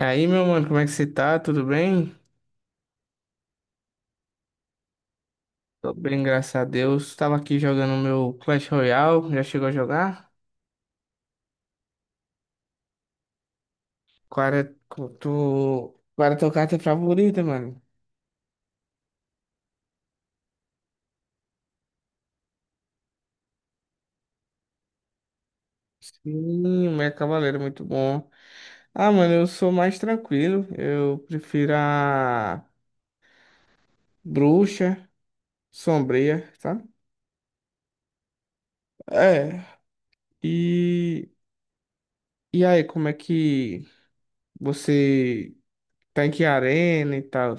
E aí, meu mano, como é que você tá? Tudo bem? Tô bem, graças a Deus. Tava aqui jogando meu Clash Royale. Já chegou a jogar? Qual é qual é a tua carta favorita, mano? Sim, o meu Cavaleiro é muito bom. Ah, mano, eu sou mais tranquilo. Eu prefiro a Bruxa Sombria, sabe? É. E... E aí, como é que você tá, em que arena e tal?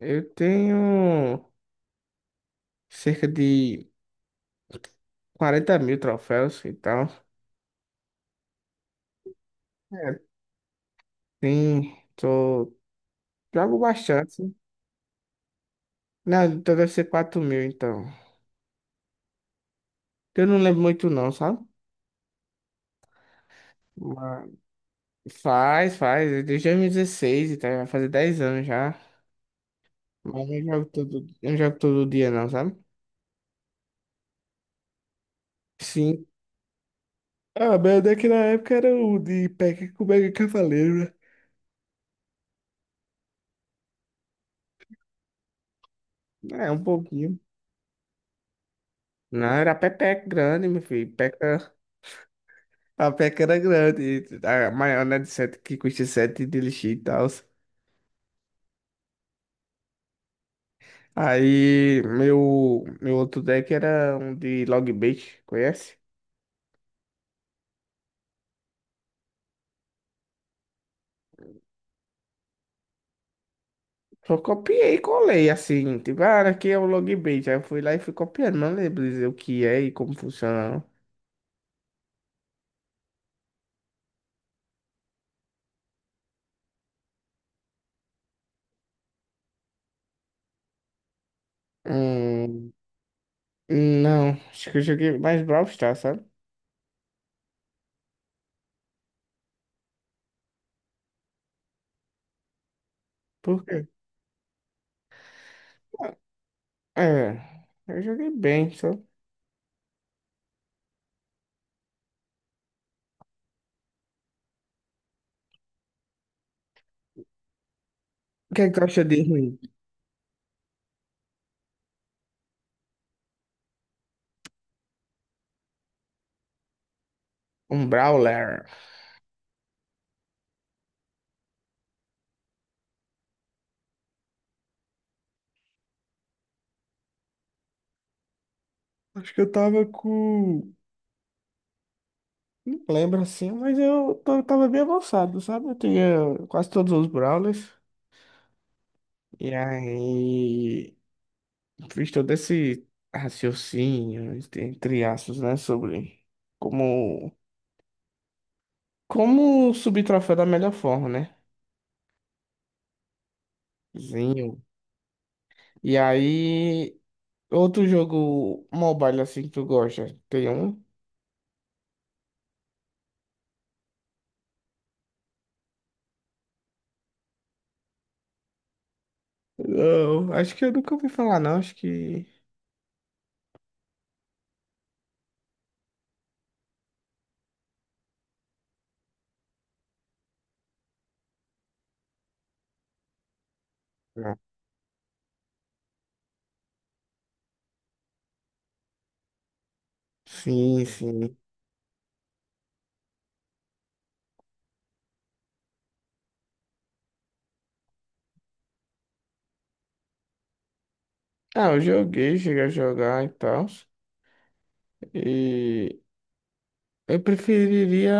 Eu tenho cerca de 40.000 troféus e tal. É, tem, tô, jogo bastante. Não, então deve ser 4.000, então. Eu não lembro muito, não, sabe? Mas faz, desde 2016, então vai fazer 10 anos já. Mas eu não jogo todo, eu não jogo todo dia, não, sabe? Sim. Ah, meu daqui na época era o de Peca com Mega Cavaleiro, né? É, um pouquinho. Não, era pepeca grande, meu filho. Peca, a peca era grande. A maior, né, de sete, que custa 7 de lixo e tal. Aí meu outro deck era um de log bait, conhece? Só copiei e colei assim, tipo, ah, aqui é o logbait. Aí eu fui lá e fui copiando, não lembro dizer o que é e como funciona. Não. Hum, não, acho que eu joguei mais Brawl Stars, sabe? Por quê? É, eu joguei bem, só. O que é que tu acha de ruim? Um Brawler. Acho que eu tava com. Não lembro assim, mas eu tava bem avançado, sabe? Eu tinha quase todos os Brawlers. E aí, fiz todo esse raciocínio, entre aspas, né, sobre como, como subir troféu da melhor forma, né? Zinho. E aí, outro jogo mobile assim que tu gosta, tem um? Não, acho que eu nunca ouvi falar, não, acho que... Não. Sim, sim. Ah, eu joguei, cheguei a jogar e tal, e eu preferiria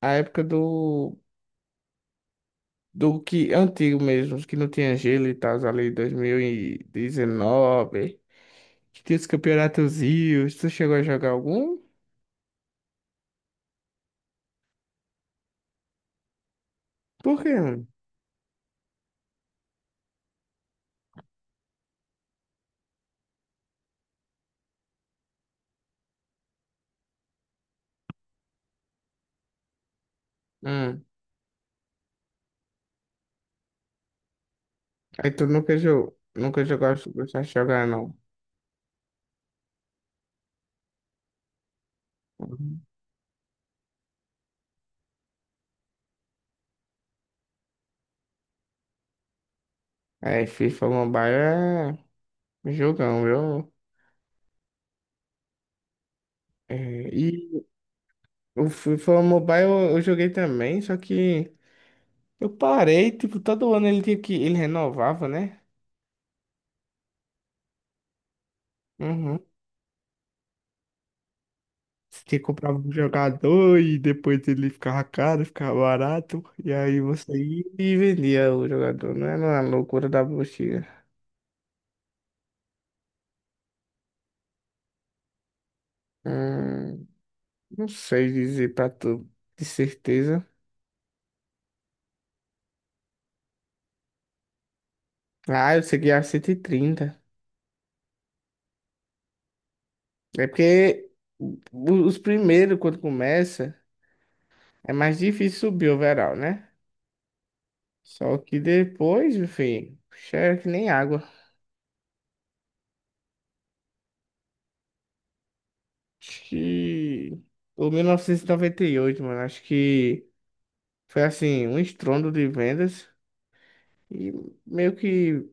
a época do que antigo mesmo, que não tinha gelo e tal, ali 2019, que tinha os campeonatos rios, tu chegou a jogar algum? Por quê, mano? Hum. Aí tu nunca jogou, gostava de jogar, não. Uhum. É, FIFA Mobile é um jogão, viu? É, e o FIFA Mobile eu, joguei também, só que eu parei, tipo, todo ano ele tinha ele renovava, né? Uhum. Você comprava um jogador e depois ele ficava caro, ficava barato. E aí você ia e vendia o jogador. Não era a loucura da bucha. Hum, não sei dizer pra tu de certeza. Ah, eu segui a 130. É porque o- os primeiros, quando começa, é mais difícil subir o overall, né? Só que depois, enfim, é que nem água. Acho que. O 1998, mano, acho que. Foi assim, um estrondo de vendas e meio que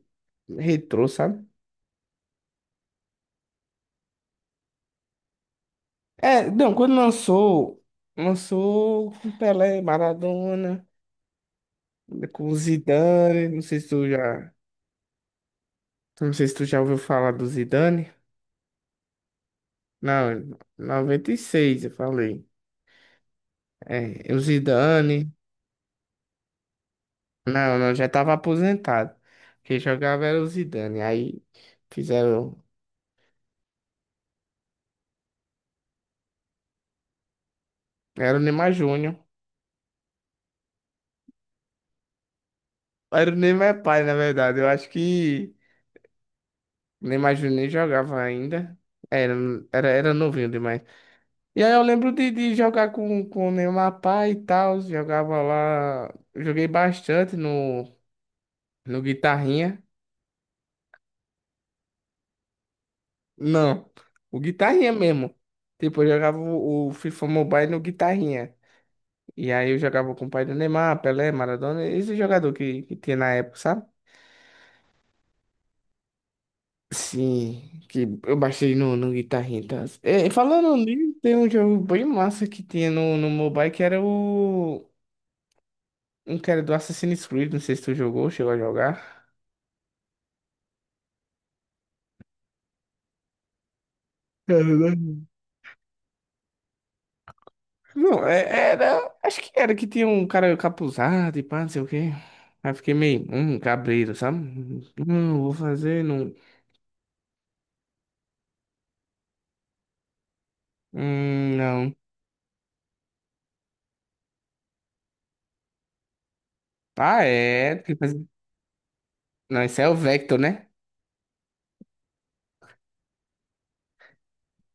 retrô, sabe? É, não, quando lançou, lançou com Pelé, Maradona, com Zidane, não sei se tu já, não sei se tu já ouviu falar do Zidane. Não, 96 eu falei. É, o Zidane, não, já tava aposentado. Quem jogava era o Zidane. Aí fizeram, era o Neymar Júnior. Era o Neymar pai, na verdade. Eu acho que nem imagino, nem jogava ainda. Era, era novinho demais. E aí eu lembro de jogar com, o Neymar Pai e tal. Jogava lá. Joguei bastante no, no Guitarrinha. Não, o Guitarrinha mesmo. Tipo, eu jogava o, FIFA Mobile no Guitarrinha. E aí eu jogava com o pai do Neymar, Pelé, Maradona, esse jogador que tinha na época, sabe? Sim, que eu baixei no, Guitarrinha. E É, falando nisso, tem um jogo bem massa que tinha no, mobile que era o. Um que era do Assassin's Creed, não sei se tu jogou, chegou a jogar. Cara, né? Não, era. Acho que era que tinha um cara capuzado e pá, não sei o quê. Aí fiquei meio, cabreiro, sabe? Não, vou fazer, não. Não. Ah, é. Tem que fazer... Não, esse é o Vector, né?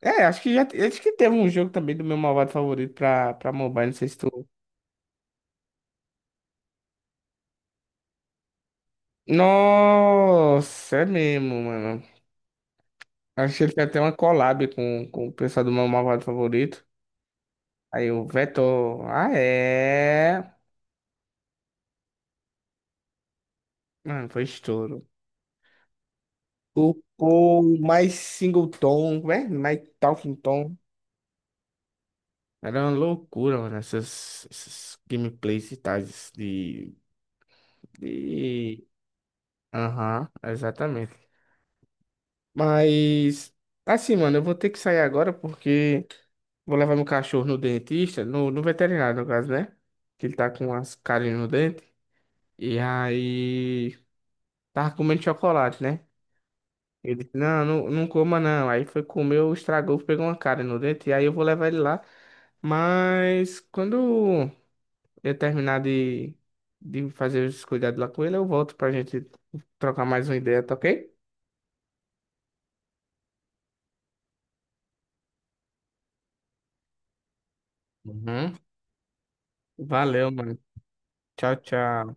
É, acho que já. Acho que teve um jogo também do meu malvado favorito pra, mobile, não sei se tu. Nossa, é mesmo, mano. Acho que ele tem até uma collab com, o pessoal do meu malvado favorito. Aí o Vetor, ah é. Mano, foi estouro. Tocou mais singleton, né? Mais talking tom. Era uma loucura, mano, essas, gameplays e tais de... Aham, exatamente. Mas, assim, mano, eu vou ter que sair agora porque vou levar meu cachorro no dentista, no, veterinário, no caso, né? Que ele tá com umas carinhas no dente. E aí, tava comendo chocolate, né? Ele disse, não, não coma, não. Aí foi comeu, estragou, pegou uma cara no dente. E aí eu vou levar ele lá. Mas quando eu terminar de fazer os cuidados lá com ele, eu volto pra gente trocar mais uma ideia, tá ok? Uhum. Valeu, mano. Tchau, tchau.